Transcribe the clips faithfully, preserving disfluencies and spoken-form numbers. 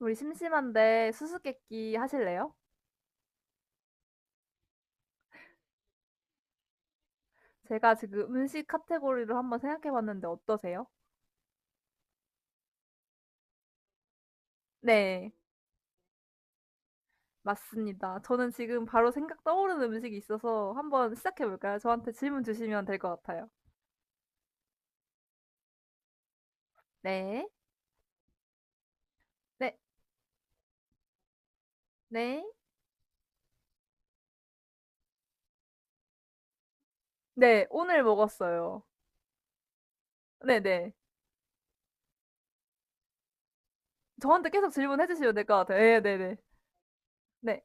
우리 심심한데 수수께끼 하실래요? 제가 지금 음식 카테고리를 한번 생각해봤는데 어떠세요? 네, 맞습니다. 저는 지금 바로 생각 떠오르는 음식이 있어서 한번 시작해볼까요? 저한테 질문 주시면 될 것 같아요. 네, 네, 네, 네, 오늘 먹었어요. 네, 네. 저한테 계속 질문해주시면 될 것 같아요. 네, 네, 네. 네,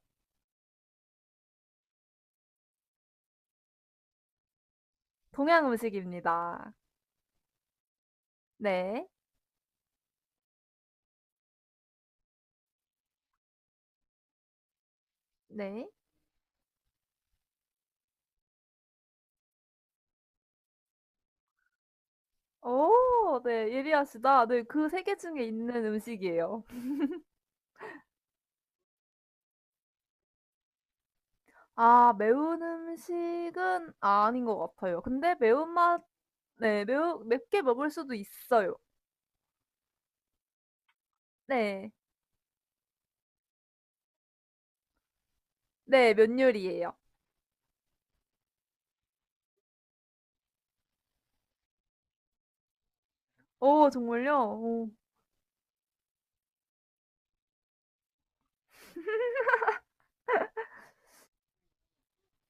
동양 음식입니다. 네, 네. 오, 네, 예리하시다. 네, 그 세 개 중에 있는 음식이에요. 아 매운 음식은 아닌 것 같아요. 근데 매운맛 네 매우 맵게 먹을 수도 있어요. 네. 네 면 요리예요. 오 정말요? 오.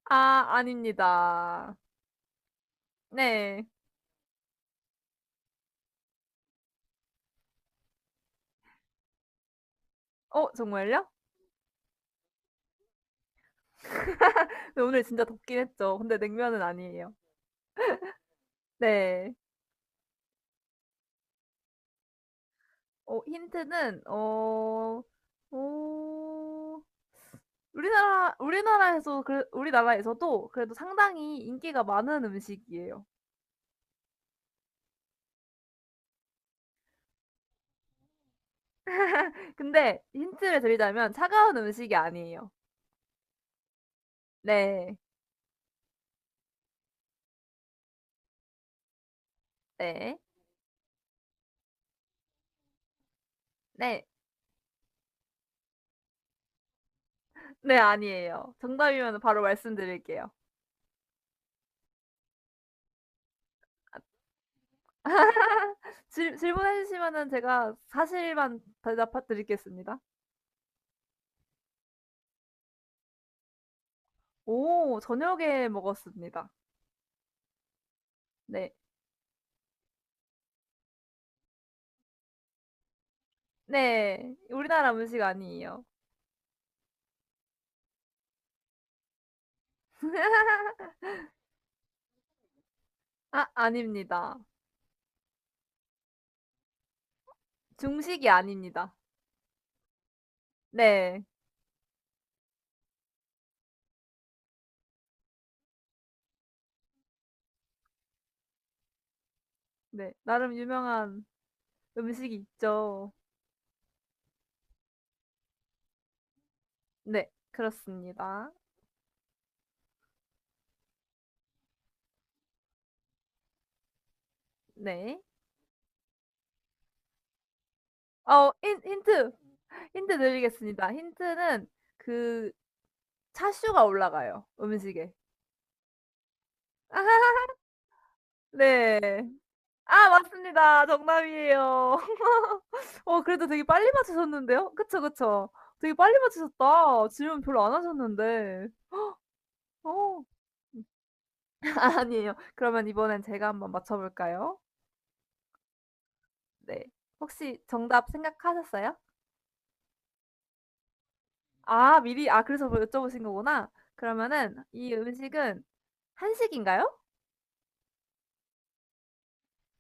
아 아닙니다. 네. 어 정말요? 근데 오늘 진짜 덥긴 했죠. 근데 냉면은 아니에요. 네. 어 힌트는 어 어 우리나라 우리나라에서 그 우리나라에서도 그래도 상당히 인기가 많은 음식이에요. 근데 힌트를 드리자면 차가운 음식이 아니에요. 네. 네. 네. 네, 아니에요. 정답이면 바로 말씀드릴게요. 질 질문해 주시면은 제가 사실만 대답해 드리겠습니다. 오, 저녁에 먹었습니다. 네. 네. 우리나라 음식 아니에요. 아, 아닙니다. 중식이 아닙니다. 네. 네. 나름 유명한 음식이 있죠. 네. 그렇습니다. 네. 어 힌 힌트. 힌트 드리겠습니다. 힌트는 그 차슈가 올라가요, 음식에. 네. 아 맞습니다. 정답이에요. 어 그래도 되게 빨리 맞추셨는데요? 그쵸, 그쵸. 되게 빨리 맞추셨다. 질문 별로 안 하셨는데. 어. 아니에요. 그러면 이번엔 제가 한번 맞춰볼까요? 네. 혹시 정답 생각하셨어요? 아 미리, 아 그래서 뭐 여쭤보신 거구나. 그러면은 이 음식은 한식인가요?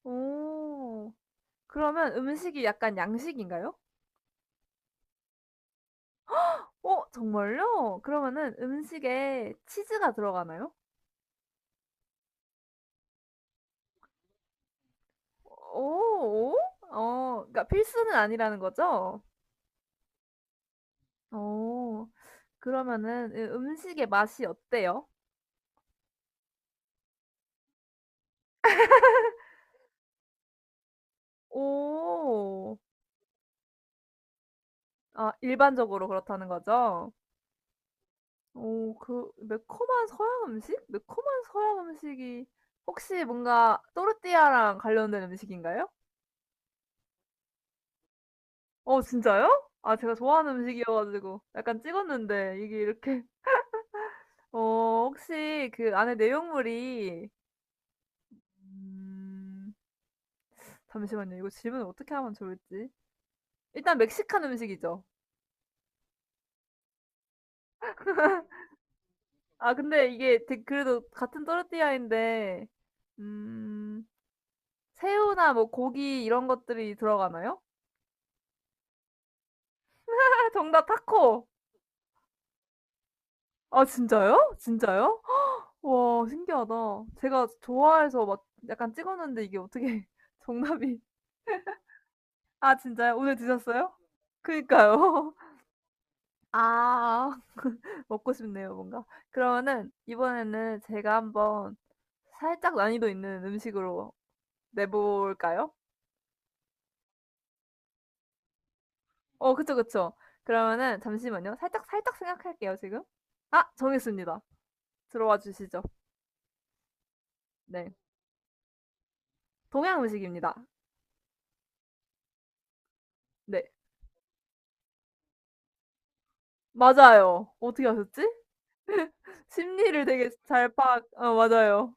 오... 그러면 음식이 약간 양식인가요? 어 정말요? 그러면은 음식에 치즈가 들어가나요? 오 오? 어 그러니까 필수는 아니라는 거죠? 어. 그러면은 음- 음식의 맛이 어때요? 오. 아 일반적으로 그렇다는 거죠? 오 그 매콤한 서양 음식? 매콤한 서양 음식이 혹시 뭔가 또르띠아랑 관련된 음식인가요? 어 진짜요? 아 제가 좋아하는 음식이어 가지고 약간 찍었는데 이게 이렇게 어 혹시 그 안에 내용물이 음 잠시만요. 이거 질문을 어떻게 하면 좋을지. 일단 멕시칸 음식이죠. 아 근데 이게 되 그래도 같은 또르띠아인데 음 새우나 뭐 고기 이런 것들이 들어가나요? 아 정답 타코. 아 진짜요? 진짜요? 와 신기하다. 제가 좋아해서 막 약간 찍었는데 이게 어떻게 정답이 아 진짜요? 오늘 드셨어요? 그니까요. 아. 먹고 싶네요 뭔가. 그러면은 이번에는 제가 한번 살짝 난이도 있는 음식으로 내볼까요? 어 그쵸, 그쵸. 그러면은 잠시만요. 살짝 살짝 생각할게요 지금. 아 정했습니다. 들어와 주시죠. 네. 동양 음식입니다. 네. 맞아요. 어떻게 아셨지? 심리를 되게 잘 파악 어 맞아요.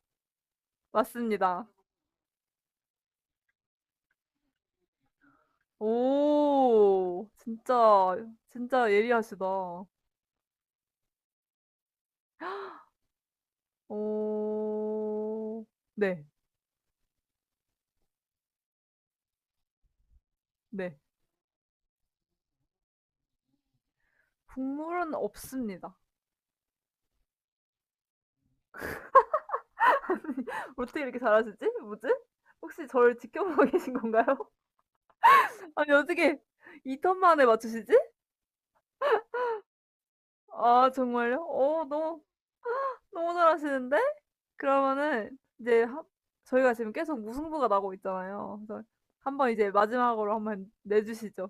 맞습니다. 오. 진짜 진짜 예리하시다. 어. 네. 네. 국물은 없습니다. 어떻게 이렇게 잘하시지 뭐지? 혹시 저를 지켜보고 계신 건가요? 아니 어떻게 이 턴 만에 맞추시지? 아 정말요? 어 너무 너무 잘하시는데? 그러면은 이제 하 저희가 지금 계속 무승부가 나고 있잖아요. 그래서 한번 이제 마지막으로 한번 내 주시죠.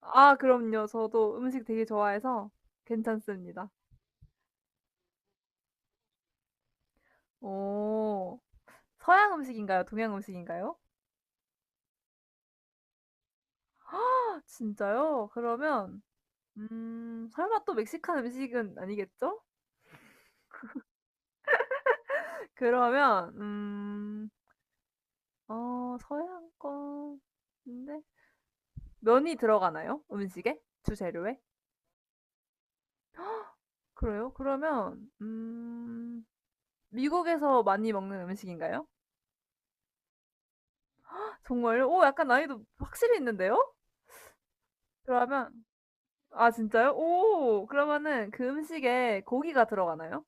아 그럼요. 저도 음식 되게 좋아해서 괜찮습니다. 오... 서양 음식인가요? 동양 음식인가요? 진짜요? 그러면 음 설마 또 멕시칸 음식은 아니겠죠? 그러면 음 어 서양 건데 면이 들어가나요? 음식에? 주재료에? 그래요? 그러면 음 미국에서 많이 먹는 음식인가요? 정말요? 오 약간 난이도 확실히 있는데요? 그러면 아 진짜요? 오 그러면은 그 음식에 고기가 들어가나요?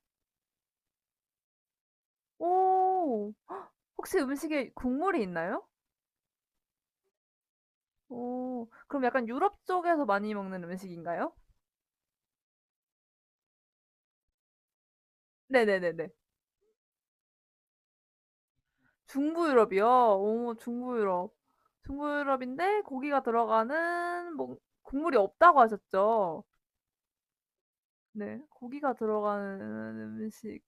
오 혹시 음식에 국물이 있나요? 오. 그럼 약간 유럽 쪽에서 많이 먹는 음식인가요? 네네네네. 중부 유럽이요? 오 중부 유럽. 중부 유럽인데 고기가 들어가는 뭔 국물이 없다고 하셨죠? 네. 고기가 들어가는 음식.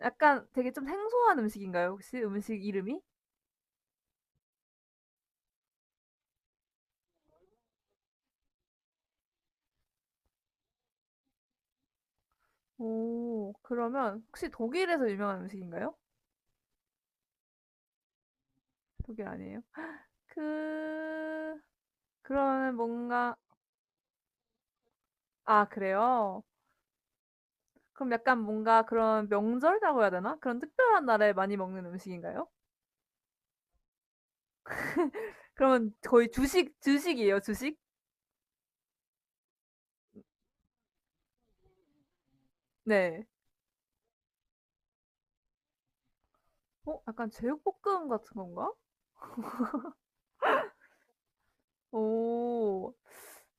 약간 되게 좀 생소한 음식인가요, 혹시 음식 이름이? 오. 그러면 혹시 독일에서 유명한 음식인가요? 독일 아니에요? 그 그러면 뭔가 아 그래요? 그럼 약간 뭔가 그런 명절이라고 해야 되나? 그런 특별한 날에 많이 먹는 음식인가요? 그러면 거의 주식 주식이에요, 주식? 네. 어 약간 제육볶음 같은 건가? 오.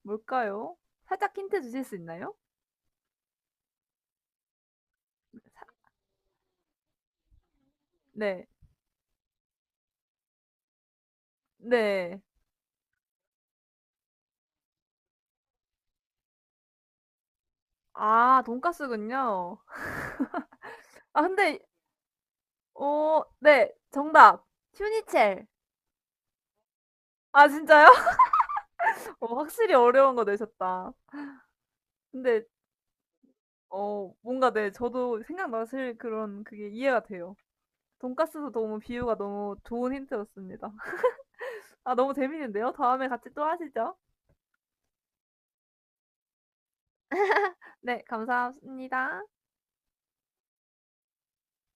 뭘까요? 살짝 힌트 주실 수 있나요? 사 네. 네. 아 돈까스군요. 아 근데 어 네. 정답. 튜니첼 아 진짜요? 어 확실히 어려운 거 내셨다. 근데 어 뭔가 네 저도 생각나실 그런 그게 이해가 돼요. 돈가스도 너무 비유가 너무 좋은 힌트였습니다. 아, 너무 재밌는데요? 다음에 같이 또 하시죠. 네, 감사합니다.